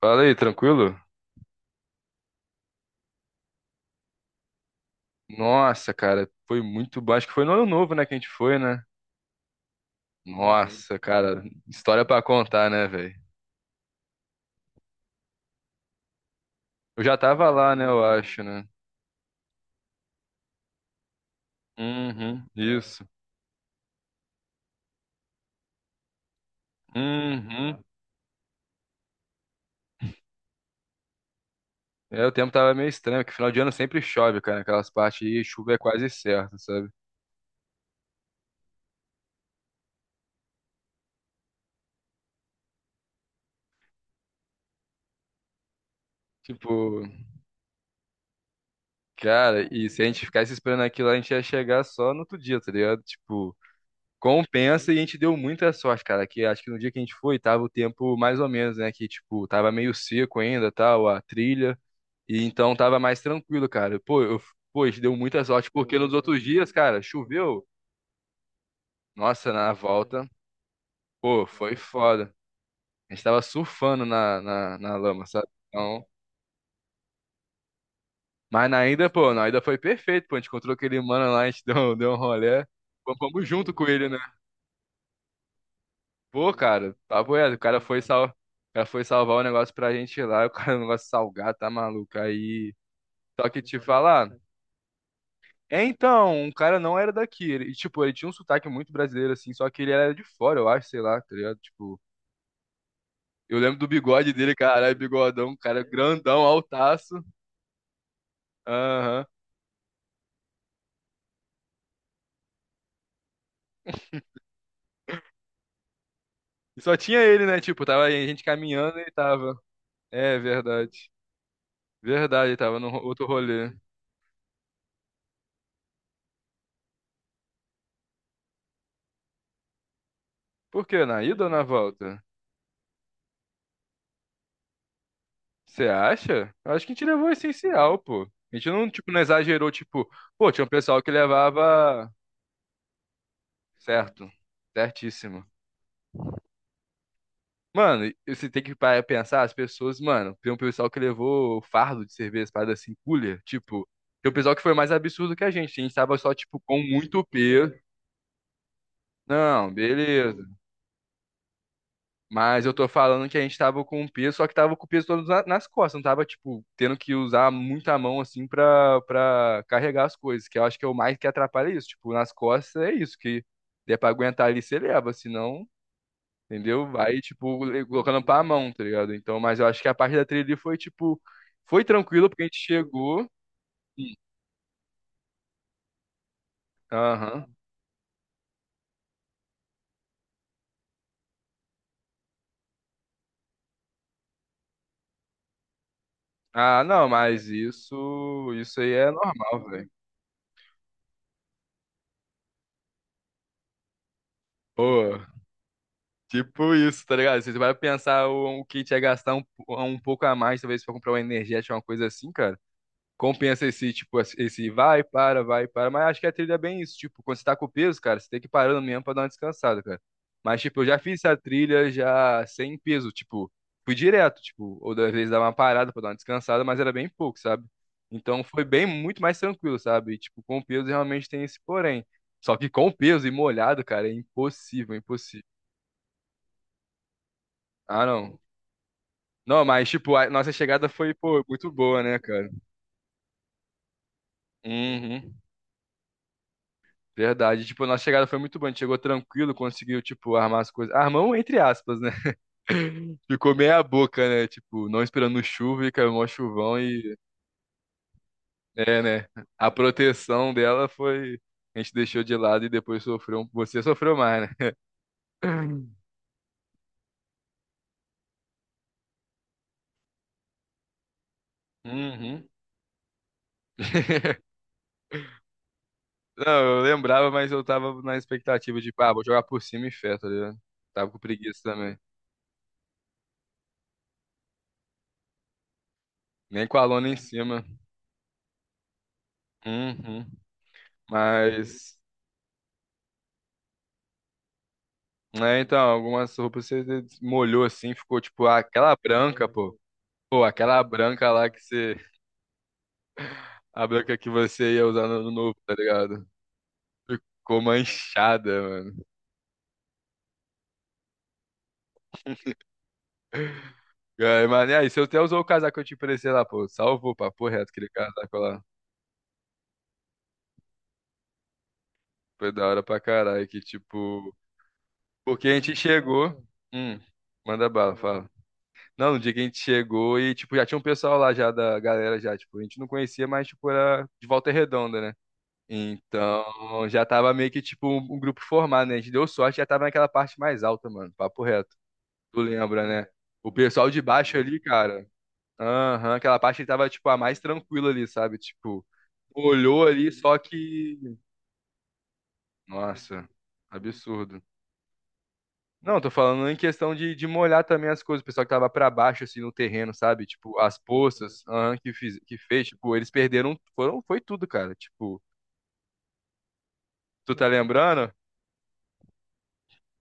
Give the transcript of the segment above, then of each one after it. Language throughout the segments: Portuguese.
Fala aí, tranquilo? Nossa, cara, foi muito bom. Acho que foi no ano novo, né, que a gente foi, né? Uhum. Nossa, cara, história pra contar, né, velho? Eu já tava lá, né, eu acho, né? Uhum, isso. Uhum. É, o tempo tava meio estranho, porque final de ano sempre chove, cara, aquelas partes aí, chuva é quase certa, sabe? Tipo, cara, e se a gente ficasse esperando aquilo, lá, a gente ia chegar só no outro dia, tá ligado? Tipo. Compensa e a gente deu muita sorte, cara, que acho que no dia que a gente foi, tava o tempo mais ou menos, né, que tipo, tava meio seco ainda, tal, a trilha, e então tava mais tranquilo, cara. Pô, eu, pô, a gente deu muita sorte, porque nos outros dias, cara, choveu, nossa, na volta, pô, foi foda. A gente tava surfando na lama, sabe? Então, mas na ainda, pô, na ainda foi perfeito, pô, a gente encontrou aquele mano lá, a gente deu, deu um rolé, fomos junto com ele, né? Pô, cara, papo é, o cara foi sal... o cara foi salvar o negócio pra gente lá, o cara, o negócio salgado, tá maluco, aí... Só que te falar, é então, o cara não era daqui, e tipo, ele tinha um sotaque muito brasileiro, assim, só que ele era de fora, eu acho, sei lá, tá ligado? Tipo, eu lembro do bigode dele, caralho, bigodão, um cara grandão, altaço, aham. E só tinha ele, né, tipo, tava aí, a gente caminhando e ele tava... É, verdade, verdade, ele tava no outro rolê. Por quê, na ida ou na volta? Você acha? Eu acho que a gente levou o essencial, pô. A gente não, tipo, não exagerou, tipo, pô, tinha um pessoal que levava certo, certíssimo. Mano, e você tem que parar pra pensar, as pessoas, mano, tem um pessoal que levou fardo de cerveja, parada assim, cooler, tipo, tem um pessoal que foi mais absurdo que a gente tava só, tipo, com muito peso. Não, beleza. Mas eu tô falando que a gente tava com o peso, só que tava com o peso todo nas costas, não tava, tipo, tendo que usar muita mão, assim, pra carregar as coisas, que eu acho que é o mais que atrapalha isso. Tipo, nas costas é isso, que é pra aguentar ali, você leva, senão, entendeu? Vai, tipo, colocando pra mão, tá ligado? Então, mas eu acho que a parte da trilha ali foi, tipo, foi tranquilo, porque a gente chegou. Aham. Ah, não, mas isso aí é normal, velho. Pô. Tipo isso, tá ligado? Você vai pensar o que a gente ia gastar um, um pouco a mais, talvez pra comprar uma energética, uma coisa assim, cara. Compensa esse, tipo, esse vai, para, vai, para. Mas acho que a trilha é bem isso. Tipo, quando você tá com peso, cara, você tem que ir parando mesmo pra dar uma descansada, cara. Mas, tipo, eu já fiz essa trilha já sem peso, tipo, fui direto, tipo, ou às vezes dava uma parada pra dar uma descansada, mas era bem pouco, sabe? Então foi bem, muito mais tranquilo, sabe? E, tipo, com o peso realmente tem esse porém. Só que com o peso e molhado, cara, é impossível, impossível. Ah, não. Não, mas, tipo, a nossa chegada foi, pô, muito boa, né, cara? Uhum. Verdade. Tipo, a nossa chegada foi muito boa. A gente chegou tranquilo, conseguiu, tipo, armar as coisas. Armão, entre aspas, né? Ficou meia boca, né? Tipo, não esperando chuva e caiu mó chuvão e. É, né? A proteção dela foi. A gente deixou de lado e depois sofreu. Você sofreu mais, né? Uhum. Não, eu lembrava, mas eu tava na expectativa de, pá, vou jogar por cima e fé, tá ligado? Tava com preguiça também. Nem com a lona em cima. Uhum. Mas, né, então, algumas roupas você molhou assim, ficou tipo, ah, aquela branca, pô. Pô, aquela branca lá que você. A branca que você ia usar no ano novo, tá ligado? Ficou manchada, mano. É, mas, e aí, você até usou o casaco que eu te emprestei lá, pô. Salvou, papo reto, aquele casaco lá. Foi da hora pra caralho, que tipo. Porque a gente chegou. Hum, manda bala, fala. Não, no dia que a gente chegou e, tipo, já tinha um pessoal lá já da galera já, tipo, a gente não conhecia, mas, tipo, era de Volta Redonda, né? Então, já tava meio que tipo um grupo formado, né? A gente deu sorte, já tava naquela parte mais alta, mano. Papo reto. Tu lembra, né? O pessoal de baixo ali, cara. Aham, aquela parte que tava tipo a mais tranquila ali, sabe? Tipo, molhou ali, só que. Nossa, absurdo. Não, tô falando em questão de molhar também as coisas. O pessoal que tava pra baixo, assim, no terreno, sabe? Tipo, as poças, aham, que fez, tipo, eles perderam. Foram, foi tudo, cara. Tipo, tu tá lembrando?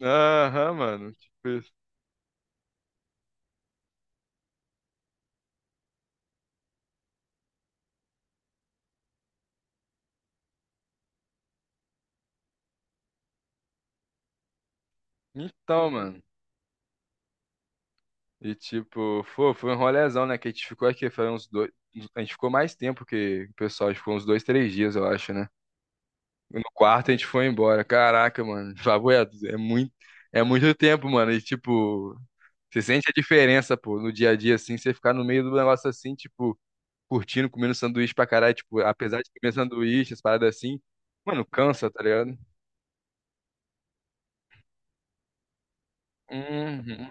Aham, mano. Tipo, então, mano. E tipo, foi, foi um rolezão, né? Que a gente ficou aqui, foi uns dois. A gente ficou mais tempo que o pessoal, a gente ficou uns dois, três dias, eu acho, né? No quarto a gente foi embora. Caraca, mano. Favoeto, é muito tempo, mano. E tipo, você sente a diferença, pô, no dia a dia, assim, você ficar no meio do negócio assim, tipo, curtindo, comendo sanduíche pra caralho, tipo, apesar de comer sanduíche, as paradas assim, mano, cansa, tá ligado? Uhum.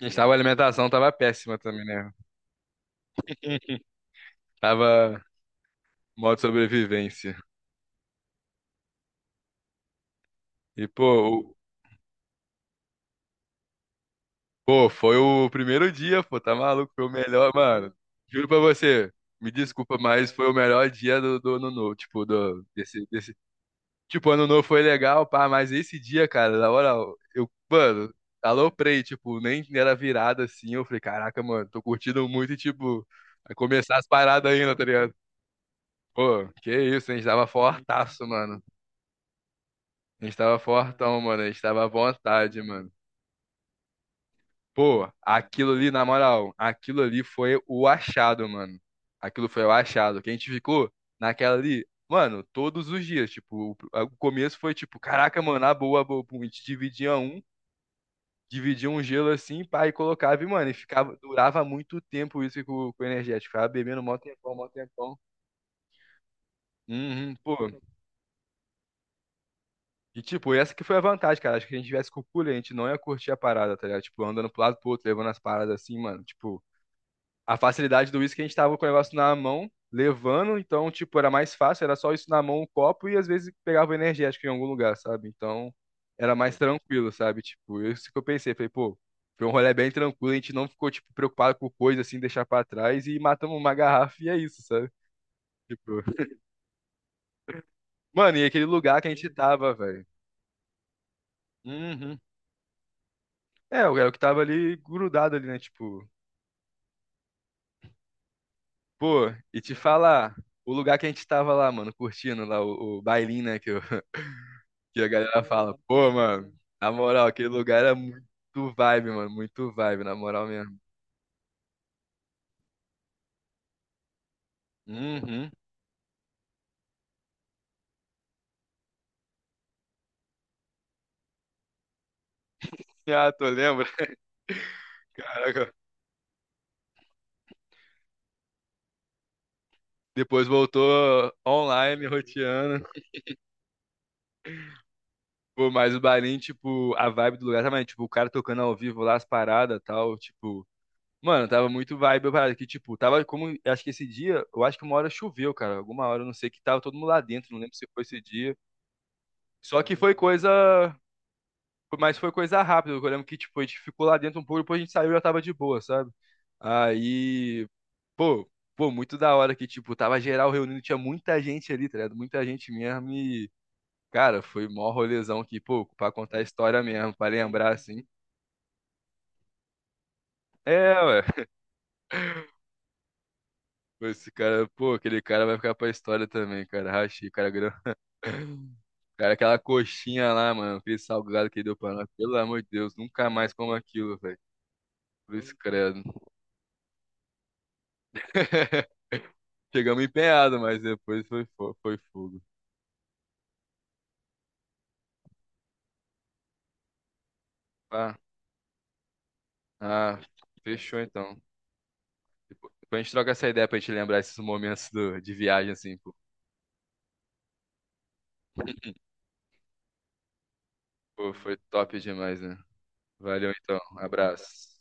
A gente tava, a alimentação tava péssima também, né? Tava modo sobrevivência. E, pô, o- pô, foi o primeiro dia, pô, tá maluco? Foi o melhor, mano. Juro pra você, me desculpa, mas foi o melhor dia do, do ano novo, tipo, do, desse, desse. Tipo, ano novo foi legal, pá, mas esse dia, cara, na hora, eu, mano, aloprei, tipo, nem era virada assim. Eu falei, caraca, mano, tô curtindo muito e, tipo, vai começar as paradas ainda, tá ligado? Pô, que isso, a gente tava fortaço, mano. A gente tava fortão, mano, a gente tava à vontade, mano. Pô, aquilo ali, na moral, aquilo ali foi o achado, mano. Aquilo foi o achado. Que a gente ficou naquela ali, mano, todos os dias. Tipo, o começo foi tipo, caraca, mano, a boa, a boa. Pum, A gente dividia um gelo assim, pá, e colocava, e, mano, e ficava, durava muito tempo isso com o energético. Ficava bebendo mó tempão, mó tempão. Uhum, pô. E tipo, essa que foi a vantagem, cara. Acho que a gente tivesse com o cooler, a gente não ia curtir a parada, tá ligado? Tipo, andando pro lado pro outro, levando as paradas assim, mano. Tipo, a facilidade do uísque, a gente tava com o negócio na mão, levando, então, tipo, era mais fácil, era só isso na mão, um copo, e às vezes pegava o energético em algum lugar, sabe? Então, era mais tranquilo, sabe? Tipo, é isso que eu pensei, falei, pô, foi um rolê bem tranquilo, a gente não ficou, tipo, preocupado com coisa, assim, deixar pra trás, e matamos uma garrafa, e é isso, sabe? Tipo, mano, e aquele lugar que a gente tava, velho. Uhum. É, o é o que tava ali grudado ali, né? Tipo, pô, e te falar, o lugar que a gente tava lá, mano, curtindo lá o bailinho, né? Que a galera fala, pô, mano, na moral, aquele lugar era muito vibe, mano, muito vibe, na moral mesmo. Uhum. Ah, tu lembra? Caraca. Depois voltou online, roteando. Pô, mas o barinho, tipo, a vibe do lugar também, tipo, o cara tocando ao vivo lá as paradas e tal, tipo. Mano, tava muito vibe a parada que, tipo, tava como. Acho que esse dia, eu acho que uma hora choveu, cara. Alguma hora, eu não sei, que tava todo mundo lá dentro, não lembro se foi esse dia. Só que foi coisa. Foi- mas foi coisa rápida. Eu lembro que, tipo, a gente ficou lá dentro um pouco, depois a gente saiu e já tava de boa, sabe? Aí, pô, pô, muito da hora que, tipo, tava geral reunindo, tinha muita gente ali, tá ligado? Muita gente mesmo e, cara, foi mó rolezão aqui, pô, pra contar a história mesmo, pra lembrar, assim. É, ué. Pô, esse cara, pô, aquele cara vai ficar pra história também, cara. Rachei, cara grande. Cara, aquela coxinha lá, mano, aquele salgado que ele deu pra nós. Pelo amor de Deus, nunca mais como aquilo, velho. Cruz credo. Chegamos empenhado, mas depois foi, foi fogo. Ah, ah, fechou então. Depois a gente troca essa ideia pra gente lembrar esses momentos de viagem, assim, pô. Pô, foi top demais, né? Valeu então, abraço.